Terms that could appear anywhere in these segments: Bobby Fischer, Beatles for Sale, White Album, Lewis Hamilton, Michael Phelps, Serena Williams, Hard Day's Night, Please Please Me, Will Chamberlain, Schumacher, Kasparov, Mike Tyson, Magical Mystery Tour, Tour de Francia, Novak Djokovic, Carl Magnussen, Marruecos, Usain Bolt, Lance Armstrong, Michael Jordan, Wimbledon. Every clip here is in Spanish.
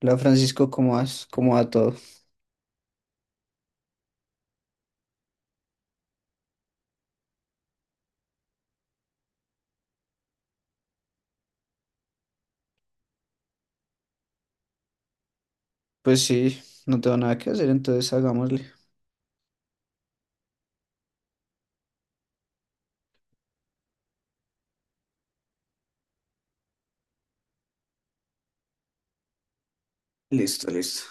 Hola Francisco, ¿cómo vas? ¿Cómo va todo? Pues sí, no tengo nada que hacer, entonces hagámosle. Listo, listo.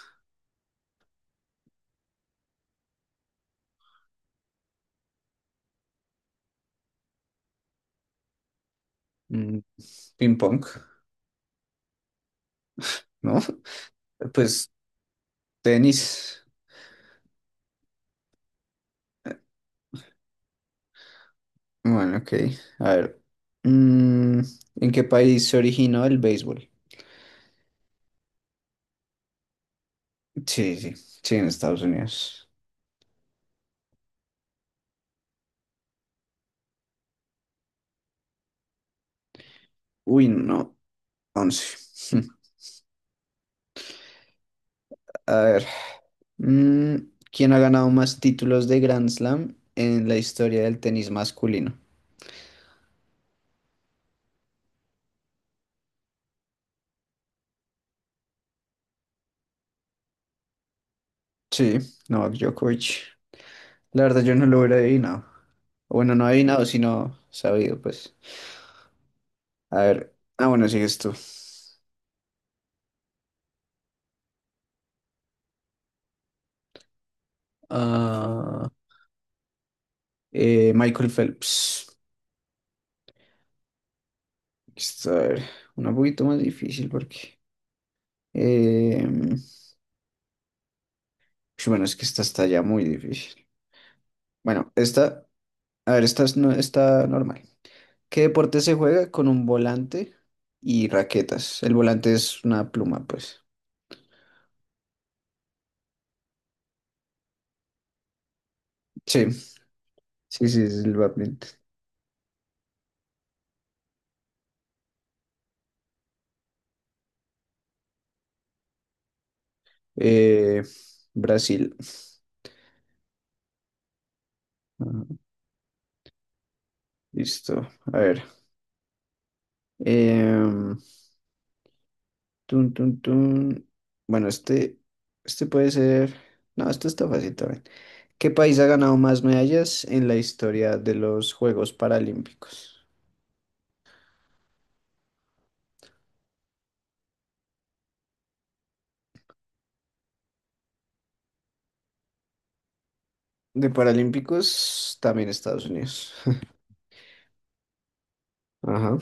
Mm, ping pong, ¿no? Pues tenis. Bueno, ok. A ver. mm, ¿En qué país se originó el béisbol? Sí, sí, sí, en Estados Unidos. Uy, no, 11. A ver. mm, ¿Quién ha ganado más títulos de Grand Slam en la historia del tenis masculino? Sí, Novak Djokovic. La verdad, yo no lo hubiera adivinado. Bueno, no adivinado, sino sabido, pues. A ver. Ah, bueno, sigues tú. Ah, Michael Phelps. Esto, a ver, una poquito más difícil porque... eh, pues bueno, es que esta está ya muy difícil. Bueno, esta... A ver, esta es no, está normal. ¿Qué deporte se juega con un volante y raquetas? El volante es una pluma, pues. Sí, sí, sí, es el badminton. Eh, Brasil. Ajá, listo. A ver. Em, Tun, tun, tun. Bueno, este puede ser. No, esto está fácil también. ¿Qué país ha ganado más medallas en la historia de los Juegos Paralímpicos? De Paralímpicos, también Estados Unidos. Ajá.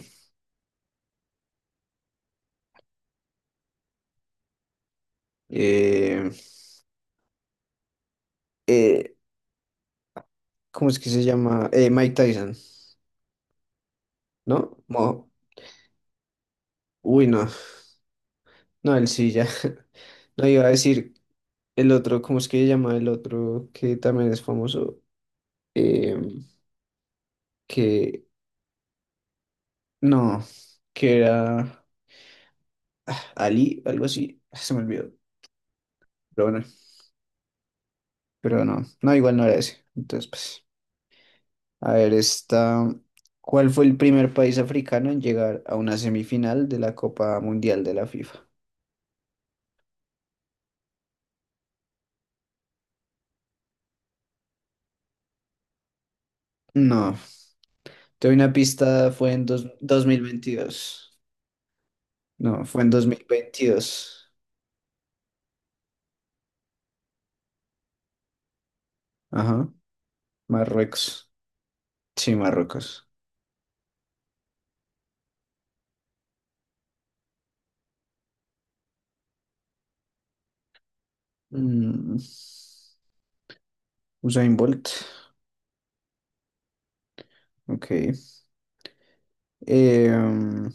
Eh, eh, ¿Cómo es que se llama? Mike Tyson, ¿no? Uy, no. No, él sí ya. No iba a decir el otro, ¿cómo es que se llama el otro que también es famoso? Em, que no, que era. Ali, algo así. Se me olvidó. Pero bueno, pero no. No, igual no era ese. Entonces, pues. A ver, esta. ¿Cuál fue el primer país africano en llegar a una semifinal de la Copa Mundial de la FIFA? No, te doy una pista, fue en 2022. No, fue en 2022. Ajá, Marruecos. Sí, Marruecos. Mm, Usain Bolt. Ok. Eh, mm,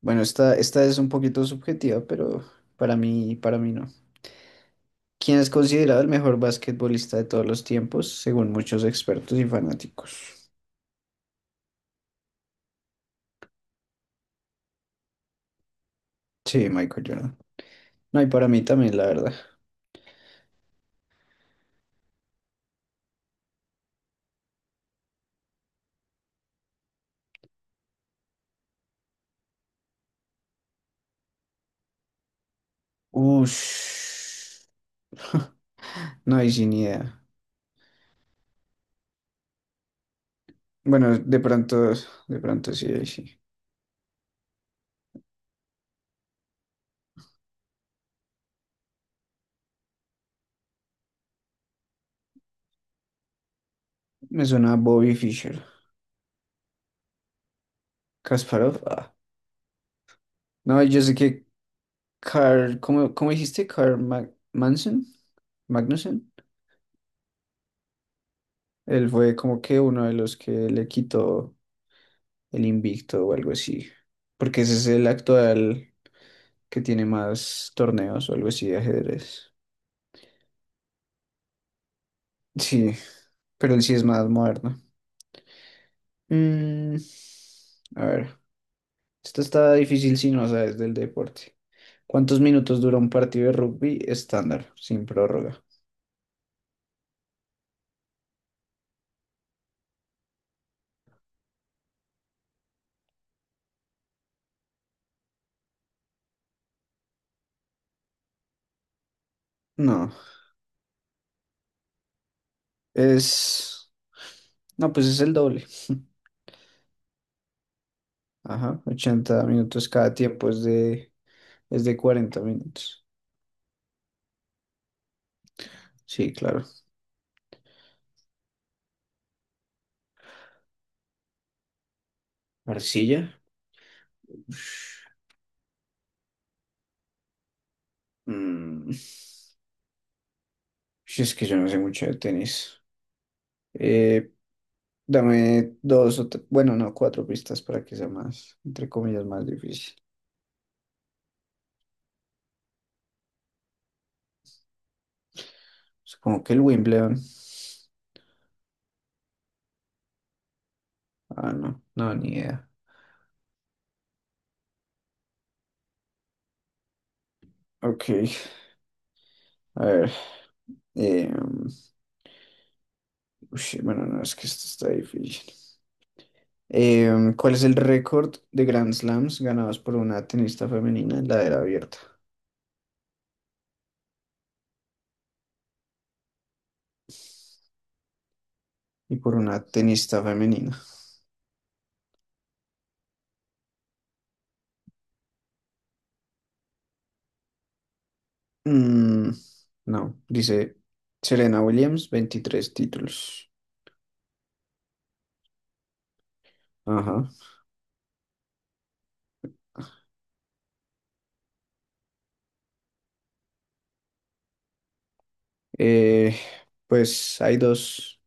bueno, esta, esta es un poquito subjetiva, pero para mí no. Quien es considerado el mejor basquetbolista de todos los tiempos, según muchos expertos y fanáticos. Sí, Michael Jordan. No, y para mí también, la verdad. Ush. No, hay sin idea. Bueno, de pronto sí, ahí sí. Me suena a Bobby Fischer. Kasparov, ah. No, yo sé que Carl, ¿cómo, cómo dijiste? Carl Manson, Magnussen. Él fue como que uno de los que le quitó el invicto o algo así. Porque ese es el actual que tiene más torneos o algo así de ajedrez. Sí, pero él sí es más moderno. Mm, a ver, esto está difícil si no sabes del deporte. ¿Cuántos minutos dura un partido de rugby estándar, sin prórroga? No, es... No, pues es el doble. Ajá, 80 minutos, cada tiempo es de 40 minutos. Sí, claro. ¿Arcilla? Mm. Si es que yo no sé mucho de tenis. Eh, Dame dos o bueno, no, cuatro pistas para que sea más, entre comillas, más difícil. Supongo que el Wimbledon. Ah, no, no, ni idea. Ok, a ver. em, ush, bueno, no, es que esto está difícil. Em, ¿cuál es el récord de Grand Slams ganados por una tenista femenina en la era abierta y por una tenista femenina? Mm, no, dice Serena Williams, 23 títulos. Ajá. Eh, pues hay dos.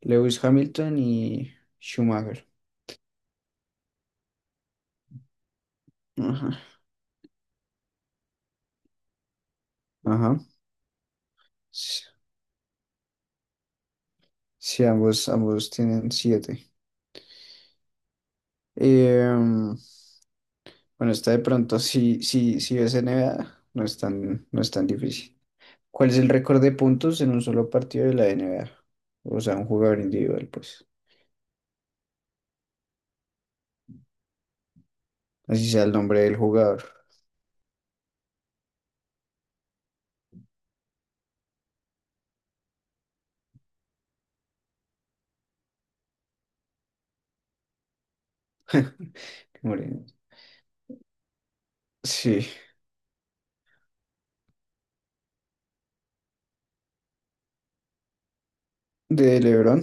Lewis Hamilton y Schumacher. Ajá. Ajá. Sí, sí, ambos tienen siete. Em, bueno, está de pronto, si ves NBA, no es tan difícil. ¿Cuál es el récord de puntos en un solo partido de la NBA? O sea, un jugador individual, pues. Así sea el nombre del jugador. Qué moreno. Sí, de LeBron.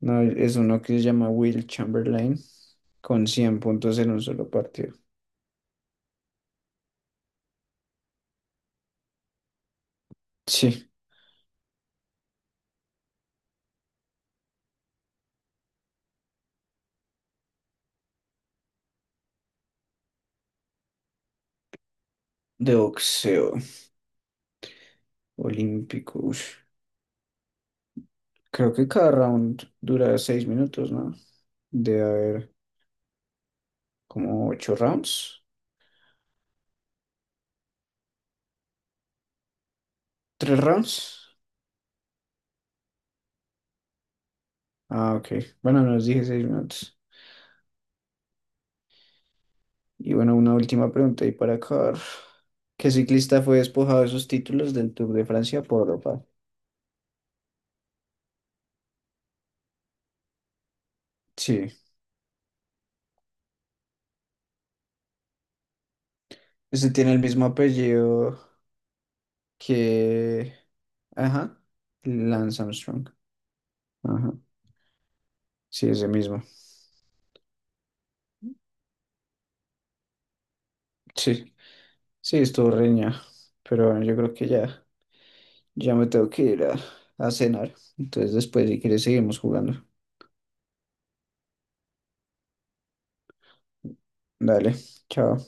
No, es uno que se llama Will Chamberlain, con 100 puntos en un solo partido. Sí, de boxeo. Olímpico. Ush. Creo que cada round dura 6 minutos, ¿no? Debe haber como ocho rounds. ¿Tres rounds? Ah, ok. Bueno, nos dije 6 minutos. Y bueno, una última pregunta y para acabar. ¿Qué ciclista fue despojado de sus títulos del Tour de Francia por Europa? Sí. Este tiene el mismo apellido que... Ajá. Lance Armstrong. Ajá. Sí, ese mismo. Sí. Sí, estuvo reña. Pero bueno, yo creo que ya. Ya me tengo que ir a cenar. Entonces después, si quieres, seguimos jugando. Dale, chao.